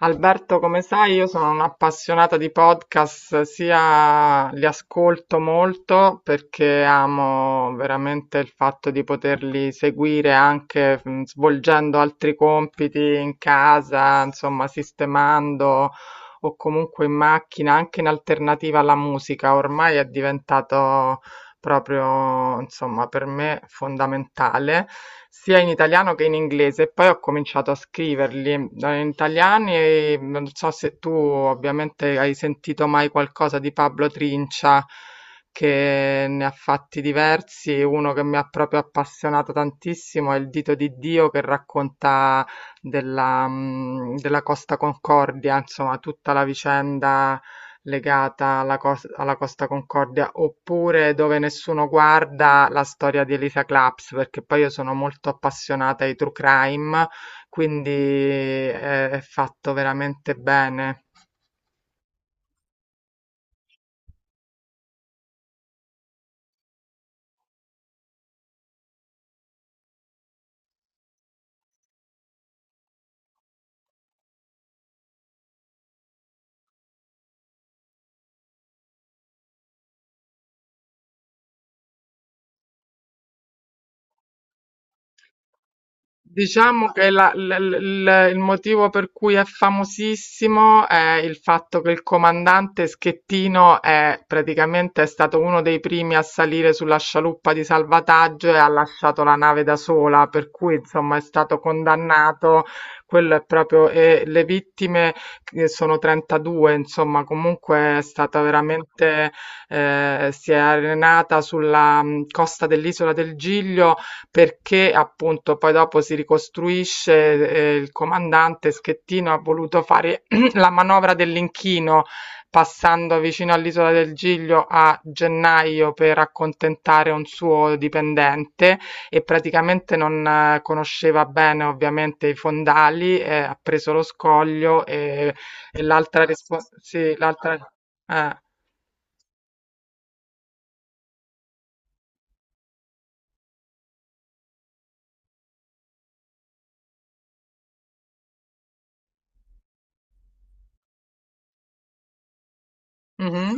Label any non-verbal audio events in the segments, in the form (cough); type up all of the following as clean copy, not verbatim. Alberto, come sai, io sono un'appassionata di podcast, sia li ascolto molto perché amo veramente il fatto di poterli seguire anche svolgendo altri compiti in casa, insomma, sistemando o comunque in macchina, anche in alternativa alla musica. Ormai è diventato proprio, insomma, per me fondamentale, sia in italiano che in inglese. E poi ho cominciato a scriverli in italiano e non so se tu ovviamente hai sentito mai qualcosa di Pablo Trincia. Che ne ha fatti diversi, uno che mi ha proprio appassionato tantissimo è Il dito di Dio, che racconta della, della Costa Concordia, insomma, tutta la vicenda legata alla, alla Costa Concordia, oppure Dove nessuno guarda, la storia di Elisa Claps, perché poi io sono molto appassionata ai true crime, quindi è fatto veramente bene. Diciamo che il motivo per cui è famosissimo è il fatto che il comandante Schettino è praticamente è stato uno dei primi a salire sulla scialuppa di salvataggio e ha lasciato la nave da sola, per cui insomma è stato condannato. Quello è proprio, e le vittime che sono 32, insomma, comunque è stata veramente, si è arenata sulla costa dell'isola del Giglio, perché appunto poi dopo si ricostruisce, il comandante Schettino ha voluto fare (clears throat) (coughs) la manovra dell'inchino, passando vicino all'isola del Giglio a gennaio per accontentare un suo dipendente e praticamente non conosceva bene ovviamente i fondali, ha preso lo scoglio e l'altra respo sì, l'altra eh. Mh-mh.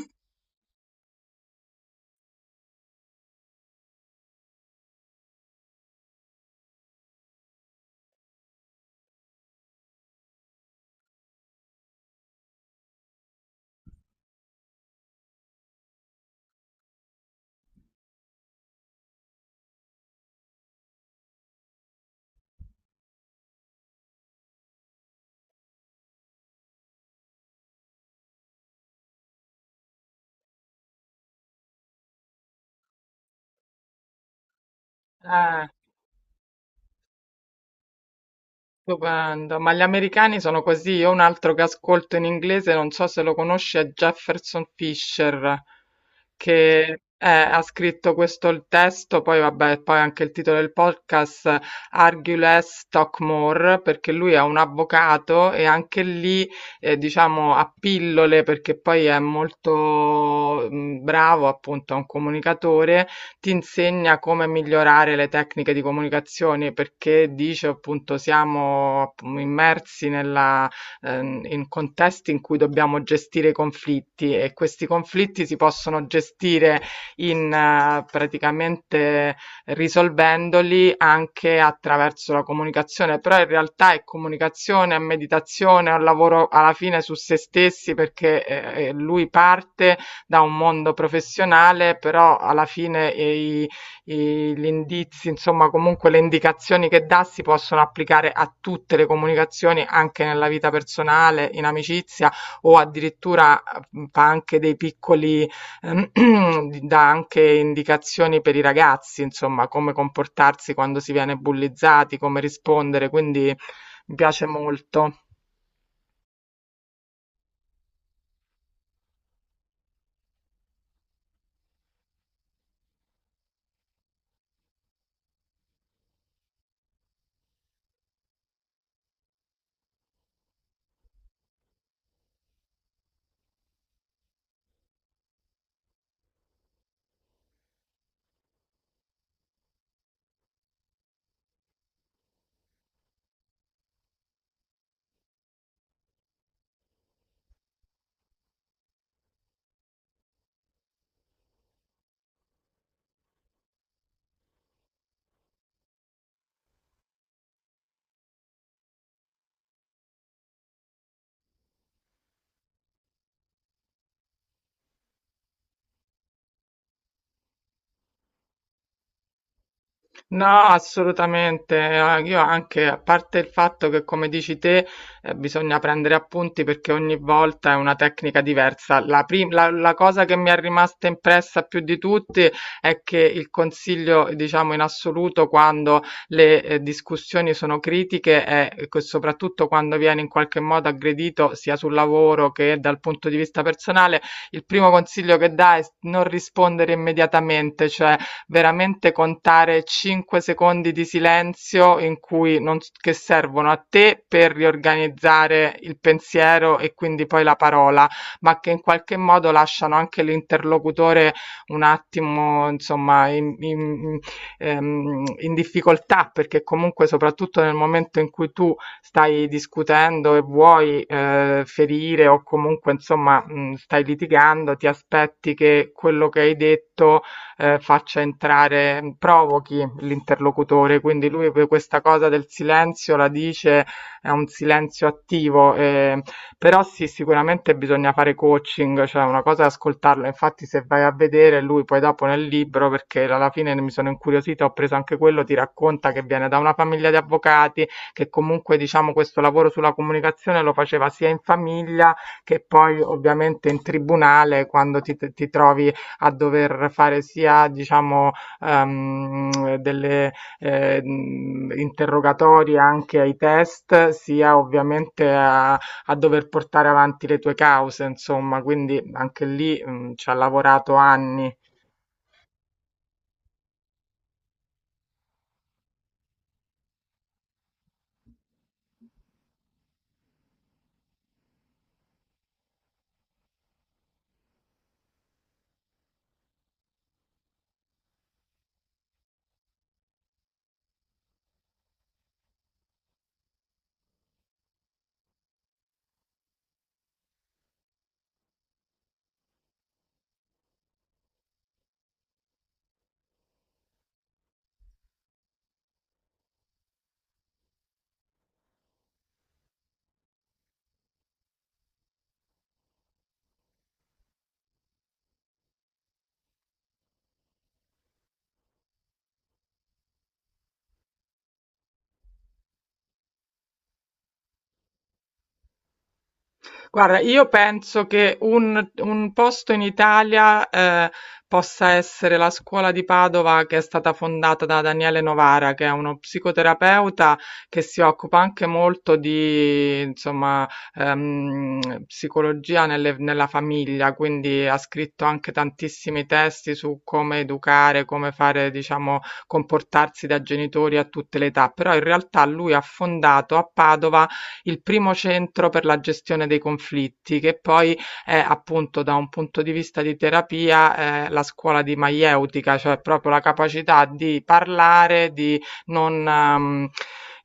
Eh. Stupendo, ma gli americani sono così. Io un altro che ascolto in inglese, non so se lo conosci, è Jefferson Fisher, che ha scritto questo il testo, poi vabbè, poi anche il titolo del podcast, Argue Less, Talk More, perché lui è un avvocato e anche lì, diciamo, a pillole, perché poi è molto bravo, appunto, è un comunicatore, ti insegna come migliorare le tecniche di comunicazione perché dice appunto siamo immersi nella, in contesti in cui dobbiamo gestire i conflitti e questi conflitti si possono gestire in praticamente risolvendoli anche attraverso la comunicazione, però in realtà è comunicazione, è meditazione, è un lavoro alla fine su se stessi perché lui parte da un mondo professionale, però alla fine gli indizi, insomma, comunque le indicazioni che dà si possono applicare a tutte le comunicazioni, anche nella vita personale, in amicizia o addirittura fa anche dei piccoli, eh, (clears throat) dà anche indicazioni per i ragazzi, insomma, come comportarsi quando si viene bullizzati, come rispondere, quindi mi piace molto. No, assolutamente. Io anche, a parte il fatto che, come dici te, bisogna prendere appunti perché ogni volta è una tecnica diversa. La cosa che mi è rimasta impressa più di tutti è che il consiglio, diciamo, in assoluto quando le discussioni sono critiche è che soprattutto quando viene in qualche modo aggredito sia sul lavoro che dal punto di vista personale, il primo consiglio che dà è non rispondere immediatamente, cioè veramente contare 5 secondi di silenzio in cui non s che servono a te per riorganizzare il pensiero e quindi poi la parola, ma che in qualche modo lasciano anche l'interlocutore un attimo, insomma, in difficoltà, perché comunque soprattutto nel momento in cui tu stai discutendo e vuoi ferire o comunque, insomma, stai litigando, ti aspetti che quello che hai detto faccia entrare, provochi l'interlocutore. Quindi lui per questa cosa del silenzio la dice, è un silenzio attivo, però sì, sicuramente bisogna fare coaching, cioè una cosa è ascoltarlo. Infatti, se vai a vedere lui poi dopo nel libro, perché alla fine mi sono incuriosita, ho preso anche quello, ti racconta che viene da una famiglia di avvocati, che comunque diciamo questo lavoro sulla comunicazione lo faceva sia in famiglia che poi ovviamente in tribunale quando ti trovi a dover fare sia, diciamo, delle interrogatori anche ai test, sia ovviamente a dover portare avanti le tue cause, insomma, quindi anche lì ci ha lavorato anni. Guarda, io penso che un posto in Italia possa essere la scuola di Padova, che è stata fondata da Daniele Novara, che è uno psicoterapeuta che si occupa anche molto di, insomma, psicologia nella famiglia, quindi ha scritto anche tantissimi testi su come educare, come fare, diciamo, comportarsi da genitori a tutte le età, però in realtà lui ha fondato a Padova il primo centro per la gestione dei conflitti, che poi è appunto da un punto di vista di terapia, la scuola di maieutica, cioè proprio la capacità di parlare, di non,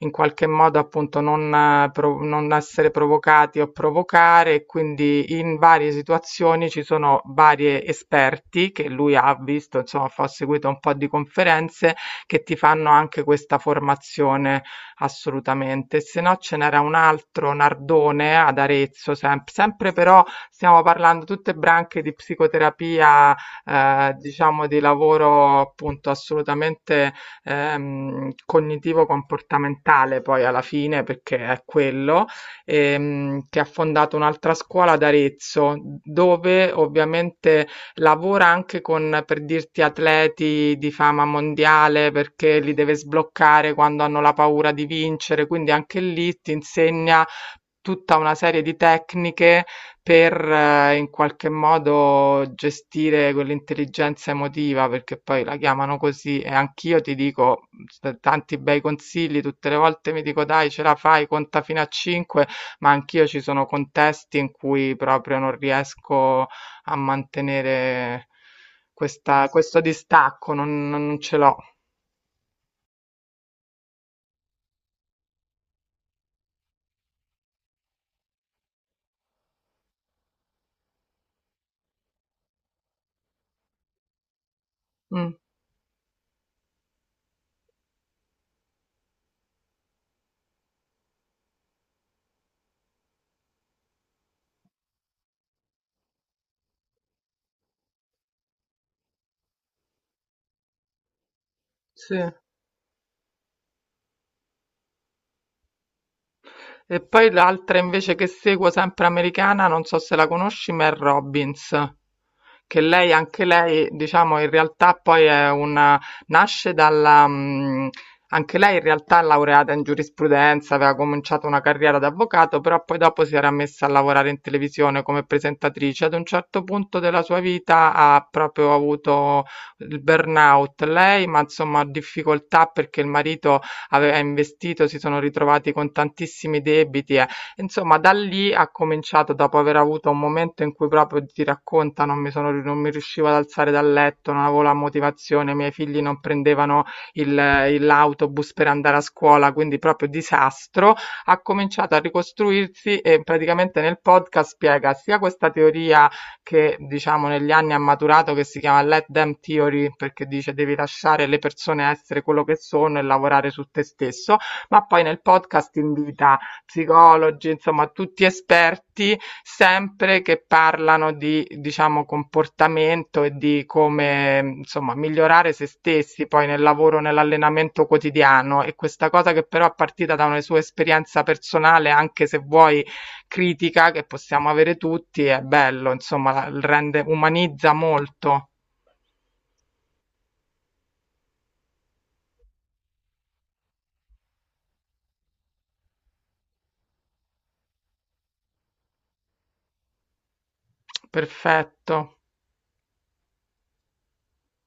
in qualche modo appunto non, non essere provocati o provocare, e quindi in varie situazioni ci sono vari esperti che lui ha visto, insomma, ho seguito un po' di conferenze che ti fanno anche questa formazione assolutamente. Se no ce n'era un altro, Nardone, ad Arezzo, sempre però stiamo parlando tutte branche di psicoterapia, diciamo di lavoro appunto assolutamente cognitivo-comportamentale poi alla fine, perché è quello, che ha fondato un'altra scuola ad Arezzo, dove ovviamente lavora anche con, per dirti, atleti di fama mondiale perché li deve sbloccare quando hanno la paura di vincere, quindi anche lì ti insegna tutta una serie di tecniche per in qualche modo gestire quell'intelligenza emotiva, perché poi la chiamano così e anch'io ti dico tanti bei consigli, tutte le volte mi dico dai, ce la fai, conta fino a 5, ma anch'io ci sono contesti in cui proprio non riesco a mantenere questo distacco, non, non ce l'ho. Mm, sì. E poi l'altra invece che seguo, sempre americana, non so se la conosci, Mel Robbins. Che lei anche lei, diciamo, in realtà poi è una, nasce dalla anche lei in realtà è laureata in giurisprudenza, aveva cominciato una carriera da avvocato, però poi dopo si era messa a lavorare in televisione come presentatrice. Ad un certo punto della sua vita ha proprio avuto il burnout lei, ma insomma difficoltà perché il marito aveva investito, si sono ritrovati con tantissimi debiti. Insomma, da lì ha cominciato, dopo aver avuto un momento in cui proprio ti racconta, non mi riuscivo ad alzare dal letto, non avevo la motivazione, i miei figli non prendevano il- l'autobus per andare a scuola, quindi proprio disastro, ha cominciato a ricostruirsi e praticamente nel podcast spiega sia questa teoria che diciamo negli anni ha maturato, che si chiama Let Them Theory, perché dice devi lasciare le persone essere quello che sono e lavorare su te stesso, ma poi nel podcast invita psicologi, insomma tutti esperti, sempre che parlano di, diciamo, comportamento e di come, insomma, migliorare se stessi poi nel lavoro, nell'allenamento quotidiano. E questa cosa che però è partita da una sua esperienza personale, anche se vuoi critica, che possiamo avere tutti, è bello, insomma, rende, umanizza molto. Perfetto.